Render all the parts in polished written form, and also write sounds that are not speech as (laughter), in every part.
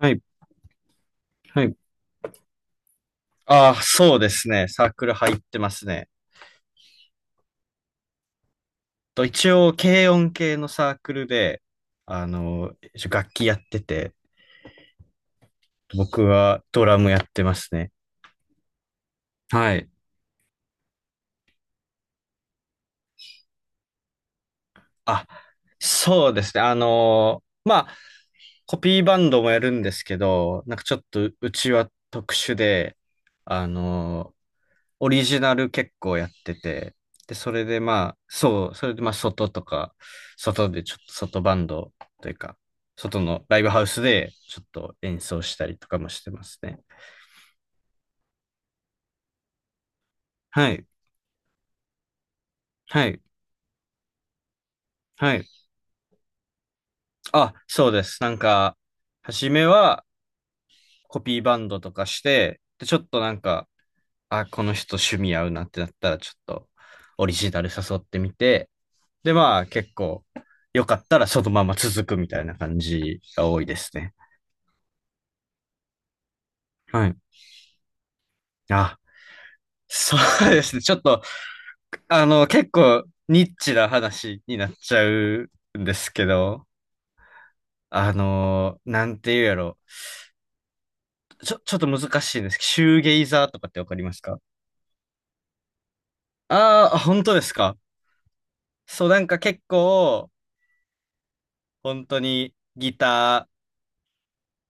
はい、はい。ああ、そうですね。サークル入ってますね。と一応、軽音系のサークルで、あの、一応楽器やってて、僕はドラムやってますね。はい。あ、そうですね。あの、まあ、コピーバンドもやるんですけど、なんかちょっとうちは特殊で、あの、オリジナル結構やってて、で、それでまあ、そう、それでまあ、外とか、外でちょっと外バンドというか、外のライブハウスでちょっと演奏したりとかもしてますね。はい、はい、はい。あ、そうです。なんか、初めはコピーバンドとかして、で、ちょっとなんか、あ、この人趣味合うなってなったら、ちょっとオリジナル誘ってみて、で、まあ、結構、よかったらそのまま続くみたいな感じが多いですね。はい。あ、そうですね。ちょっと、あの、結構ニッチな話になっちゃうんですけど、あの、なんて言うやろ。ちょっと難しいんですけど、シューゲイザーとかってわかりますか？ああー、本当ですか？そう、なんか結構、本当にギタ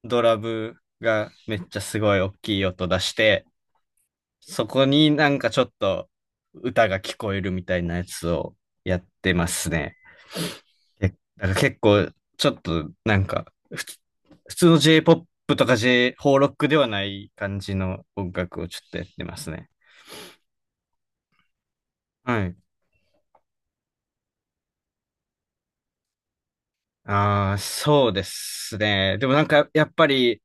ー、ドラムがめっちゃすごい大きい音出して、そこになんかちょっと歌が聞こえるみたいなやつをやってますね。けだから結構、ちょっと、なんか、普通の J-POP とか J、邦ロックではない感じの音楽をちょっとやってますね。はい。ああ、そうですね。でもなんか、やっぱり、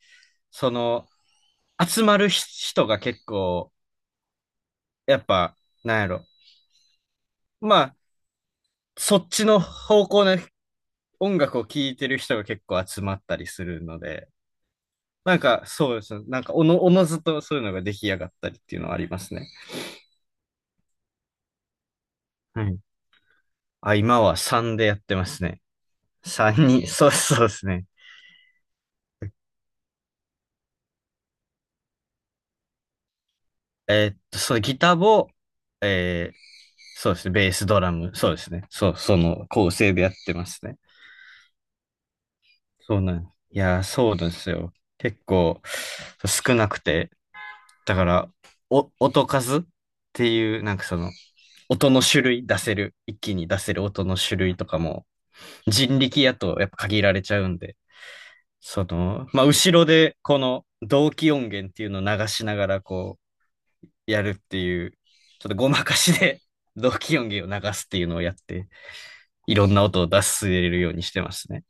その、集まる人が結構、やっぱ、なんやろ。まあ、そっちの方向の音楽を聴いてる人が結構集まったりするので、なんか、そうですね。なんか、おのずとそういうのが出来上がったりっていうのはありますね。はい。あ、今は3でやってますね。3に、(laughs) そう、そうですね。えーっと、そのギターボ、えー、そうですね、ベース、ドラム、そうですね。そう、その構成でやってますね。そうなんです。いやー、そうなんですよ。結構少なくて、だから、音数っていう、なんかその、音の種類出せる、一気に出せる音の種類とかも、人力やとやっぱ限られちゃうんで、その、まあ、後ろでこの同期音源っていうのを流しながら、こう、やるっていう、ちょっとごまかしで (laughs) 同期音源を流すっていうのをやって、いろんな音を出すれるようにしてますね。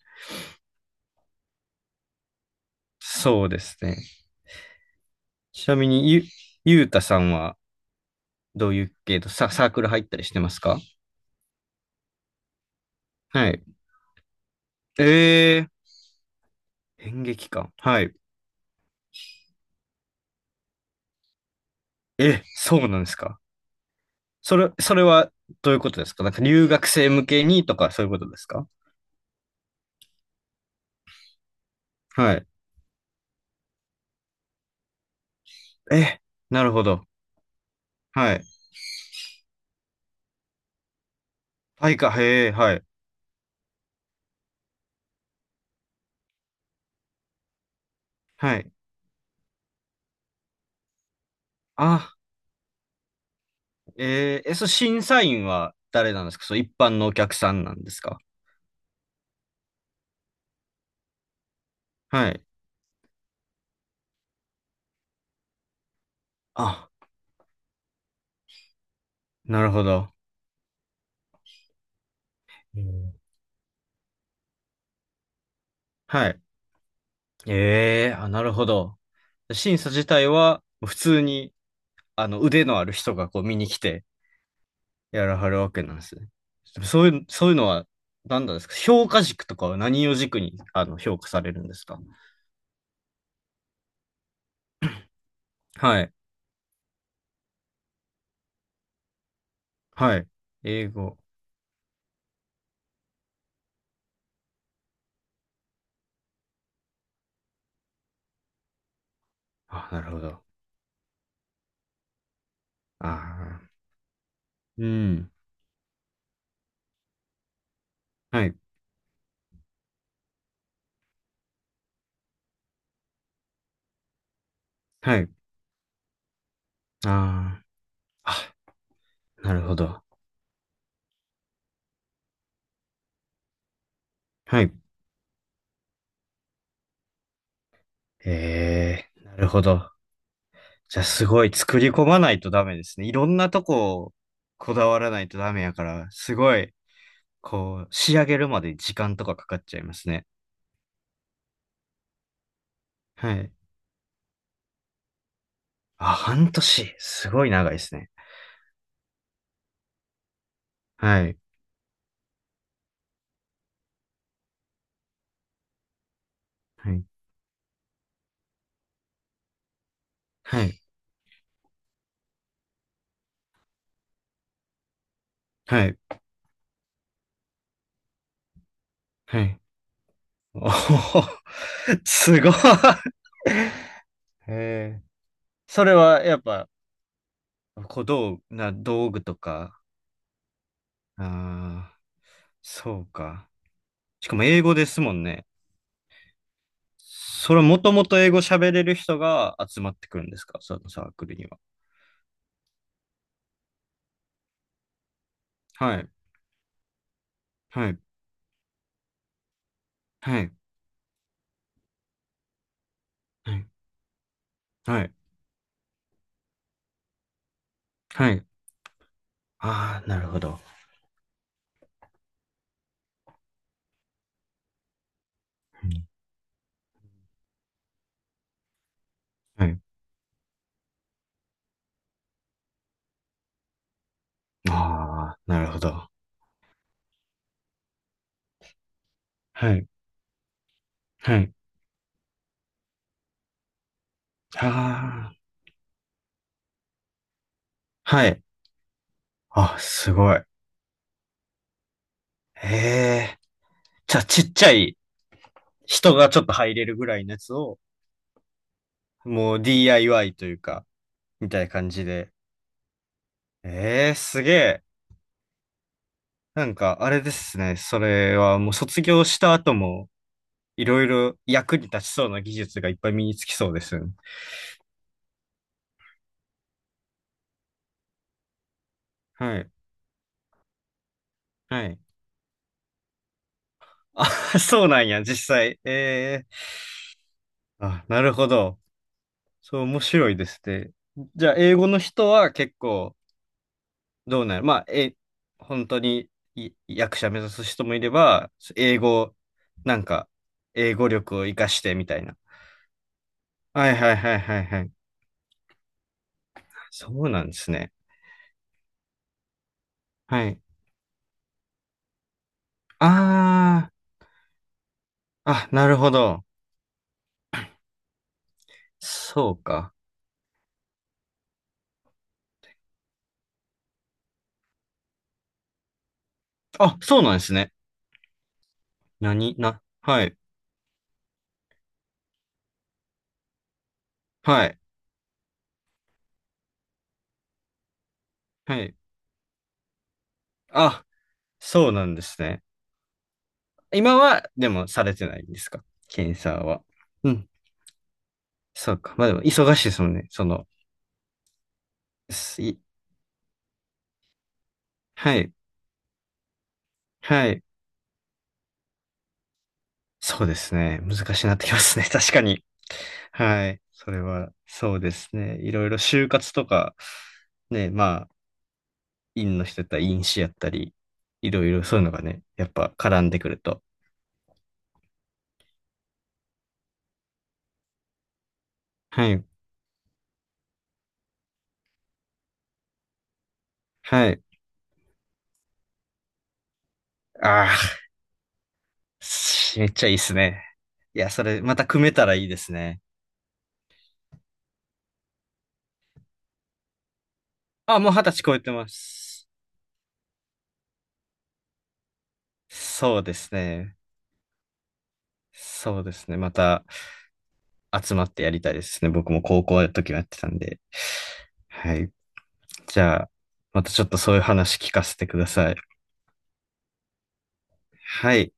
そうですね。ちなみにゆうたさんはどういう系とサークル入ったりしてますか？はい。えー、演劇か。はい。え、そうなんですか。それ、それはどういうことですか？なんか留学生向けにとかそういうことですか？はい。え、なるほど。はい。はいか、へえ、はい。はい。あ、えー、え、その審査員は誰なんですか？そう、一般のお客さんなんですか？はい。あ、なるほど。うん。はい。ええ、あ、なるほど。審査自体は、普通に、あの、腕のある人がこう見に来て、やらはるわけなんですね。でもそういう、そういうのは、何なんですか？評価軸とかは何を軸に、あの、評価されるんですか？はい。はい。英語。あ、なるほど。ああ。うん。はい。はい。ああ。あ、なるほど。はい。ええ、なるほど。じゃあすごい作り込まないとダメですね。いろんなとこをこだわらないとダメやから、すごい、こう、仕上げるまで時間とかかかっちゃいますね。はい。あ、半年。すごい長いですね。はい。はい。はい。はい。はい。おほほ、すごい。へえ。それはやっぱ、小道具、道具とか、ああ、そうか。しかも英語ですもんね。それもともと英語喋れる人が集まってくるんですか？そのサークルには。はい。はい。はい。はい。はい。はい。ああ、なるほど。うん。はい。ああ、なるほど。はい。はい。ああ、はい。あ、すごい。ええ。じゃあ、ちっちゃい人がちょっと入れるぐらいのやつを、もう DIY というか、みたいな感じで。ええ、すげえ。なんか、あれですね。それはもう卒業した後も、いろいろ役に立ちそうな技術がいっぱい身につきそうですね。はい。はい。あ、(laughs) そうなんや、実際。ええ、あ、なるほど。そう、面白いですね。じゃあ、英語の人は結構、どうなる、まあ、え、本当にい役者目指す人もいれば、英語、なんか、英語力を活かしてみたいな。はいはいはいはいはい。そうなんですね。はい。ああ、あ、なるほど。そうか。あ、そうなんですね。何な、はい、はい、はい。あ、そうなんですね。今は、でも、されてないんですか？検査は。うん、そうか。まあでも、忙しいですもんね。その、すい、はい、はい。そうですね。難しいなってきますね。(laughs) 確かに。はい。それは、そうですね。いろいろ就活とか、ね、まあ、院の人やったら院士やったり、いろいろそういうのがね、やっぱ絡んでくると。はい。はい。ああ、しめっちゃいいっすね。いや、それ、また組めたらいいですね。あ、もう二十歳超えてます。そうですね。そうですね。また集まってやりたいですね。僕も高校の時はやってたんで。はい。じゃあ、またちょっとそういう話聞かせてください。はい。